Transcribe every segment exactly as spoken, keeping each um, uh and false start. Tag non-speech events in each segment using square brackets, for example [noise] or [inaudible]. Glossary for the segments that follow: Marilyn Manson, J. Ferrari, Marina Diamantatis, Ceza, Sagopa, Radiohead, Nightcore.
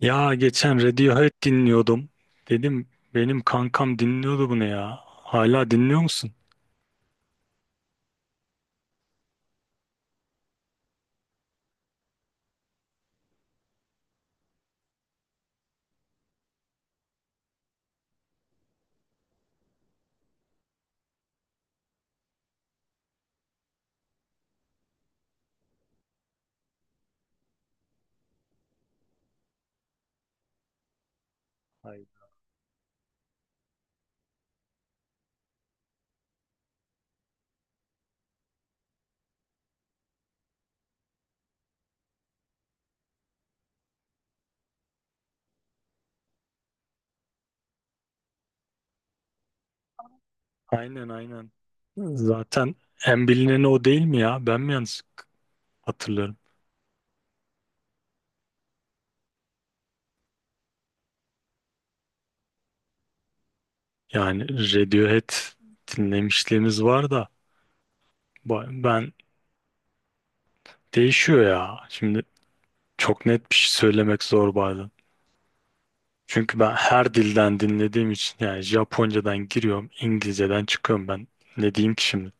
Ya geçen Radiohead dinliyordum. Dedim benim kankam dinliyordu bunu ya. Hala dinliyor musun? Hayır. Aynen aynen. Zaten en bilineni o değil mi ya? Ben mi yanlış hatırlıyorum? Yani Radiohead dinlemişliğimiz var da ba- ben değişiyor ya. Şimdi çok net bir şey söylemek zor bazen. Çünkü ben her dilden dinlediğim için yani Japoncadan giriyorum, İngilizceden çıkıyorum ben. Ne diyeyim ki şimdi?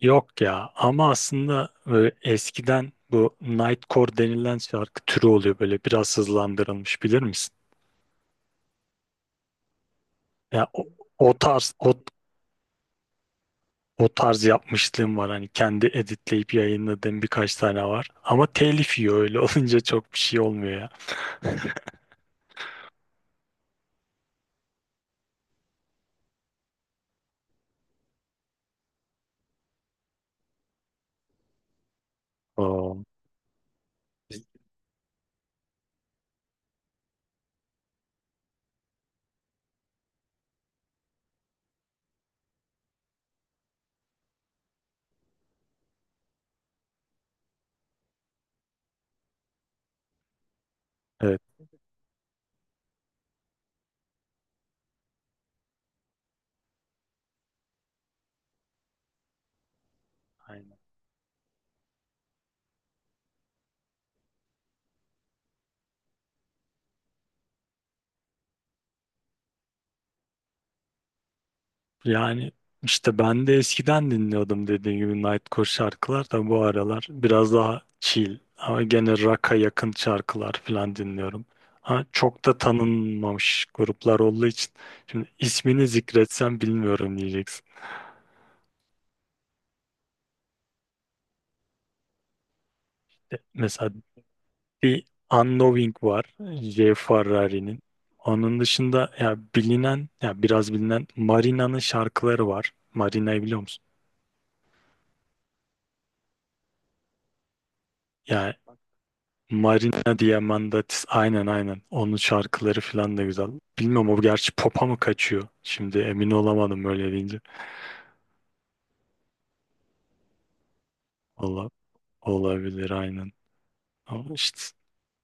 Yok ya ama aslında böyle eskiden bu Nightcore denilen şarkı türü oluyor böyle biraz hızlandırılmış bilir misin? Ya o, o tarz o, O tarz yapmışlığım var hani kendi editleyip yayınladığım birkaç tane var ama telif yiyor öyle [laughs] olunca çok bir şey olmuyor ya. [laughs] Oo, evet. Aynen. Yani işte ben de eskiden dinliyordum dediğim gibi Nightcore şarkılar da bu aralar biraz daha chill ama gene rock'a yakın şarkılar falan dinliyorum. Ama çok da tanınmamış gruplar olduğu için şimdi ismini zikretsem bilmiyorum diyeceksin. E, Mesela bir Unknowing var J. Ferrari'nin. Onun dışında ya bilinen ya biraz bilinen Marina'nın şarkıları var. Marina'yı biliyor musun? Ya Marina Diamantatis aynen aynen. Onun şarkıları falan da güzel. Bilmiyorum o gerçi pop'a mı kaçıyor? Şimdi emin olamadım öyle deyince. Ola, Olabilir aynen. Ama işte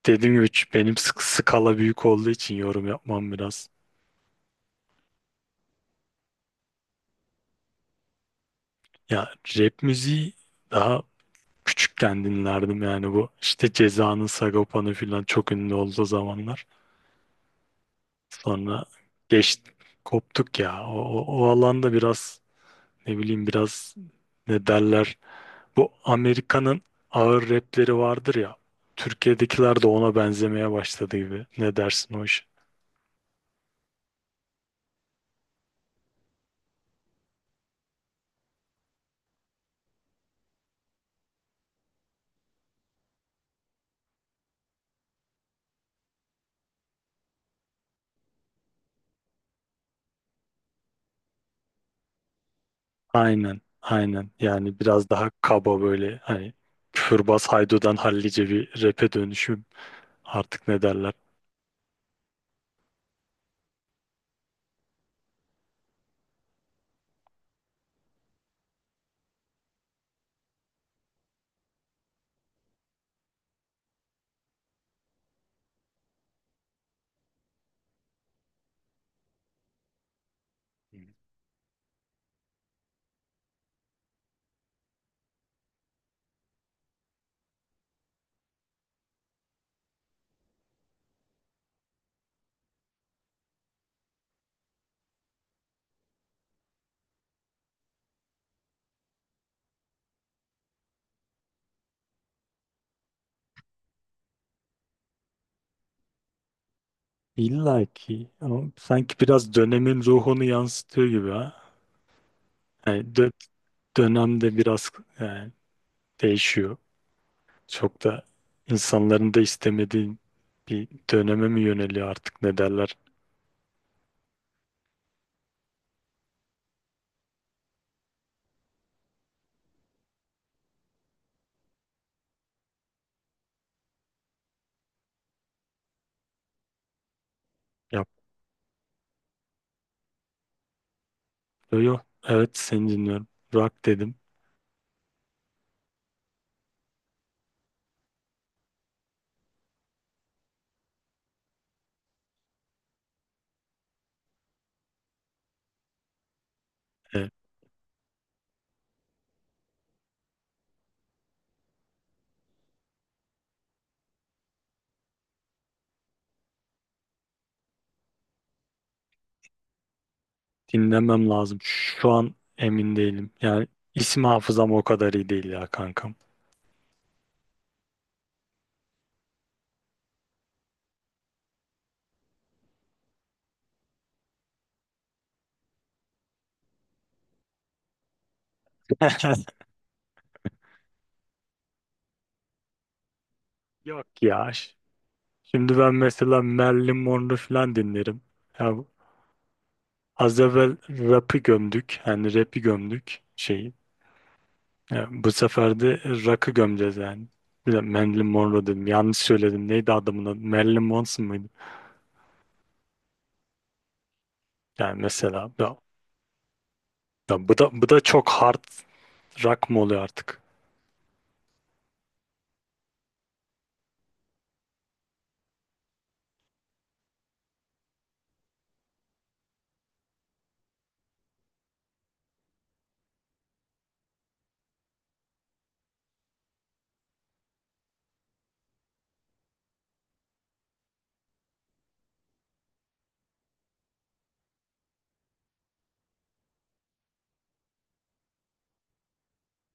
dediğim gibi ç- benim sık skala büyük olduğu için yorum yapmam biraz. Ya rap müziği daha küçükken dinlerdim yani bu işte Ceza'nın Sagopa'nı falan çok ünlü olduğu zamanlar. Sonra geç koptuk ya. O, o, o alanda biraz ne bileyim biraz ne derler. Bu Amerika'nın ağır rapleri vardır ya. Türkiye'dekiler de ona benzemeye başladı gibi. Ne dersin o iş? Aynen, aynen. Yani biraz daha kaba böyle hani küfürbaz Haydo'dan hallice bir rap'e dönüşüm artık ne derler. İlla ki ama sanki biraz dönemin ruhunu yansıtıyor gibi ha. Yani dö- Dönemde biraz yani değişiyor. Çok da insanların da istemediği bir döneme mi yöneliyor artık ne derler. Yok, yo, yo. Evet seni dinliyorum. Rock dedim. E, Dinlemem lazım. Şu an emin değilim. Yani isim hafızam o kadar iyi değil ya kankam. [laughs] Yok ya. Ş- Şimdi ben mesela Marilyn Monroe falan dinlerim. Ya bu- Az evvel rap'i gömdük. Yani rap'i gömdük şeyi. Ya bu sefer de rock'ı gömeceğiz yani. Bir de Marilyn Monroe dedim. Yanlış söyledim. Neydi adamın adı? Marilyn Manson mıydı? Yani mesela ya, ya bu da bu da çok hard rock mı oluyor artık?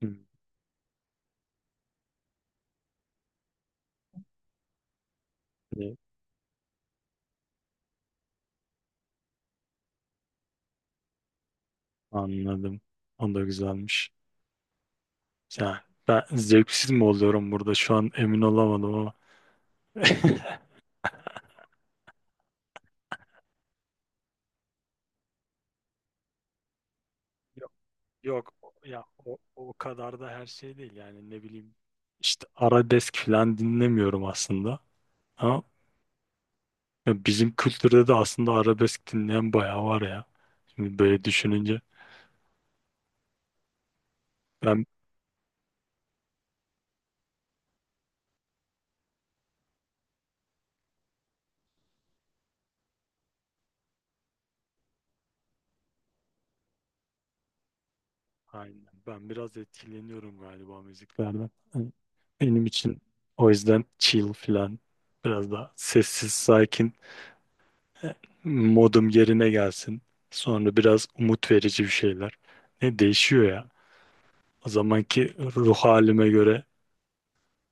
Hmm, e, Anladım. O da güzelmiş. Yani ben zevksiz mi oluyorum burada? Şu an emin olamadım ama. [laughs] Yok, yok ya o, o kadar da her şey değil yani ne bileyim işte arabesk falan dinlemiyorum aslında ama ya bizim kültürde de aslında arabesk dinleyen bayağı var ya şimdi böyle düşününce ben. Aynen. Ben biraz etkileniyorum galiba müziklerden. Hani benim için o yüzden chill falan biraz daha sessiz, sakin, e, modum yerine gelsin. Sonra biraz umut verici bir şeyler. Ne değişiyor ya. O zamanki ruh halime göre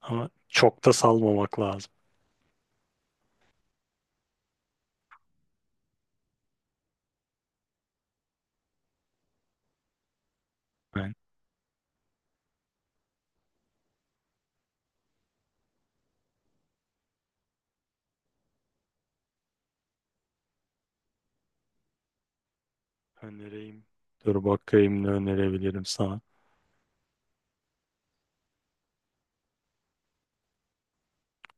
ama çok da salmamak lazım. Ben önereyim. Dur bakayım ne önerebilirim sana.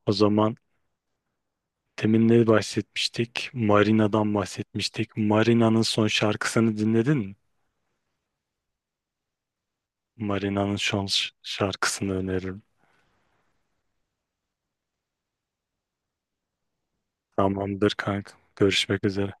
O zaman demin ne bahsetmiştik? Marina'dan bahsetmiştik. Marina'nın son şarkısını dinledin mi? Marina'nın son şarkısını öneririm. Tamamdır kanka. Görüşmek üzere.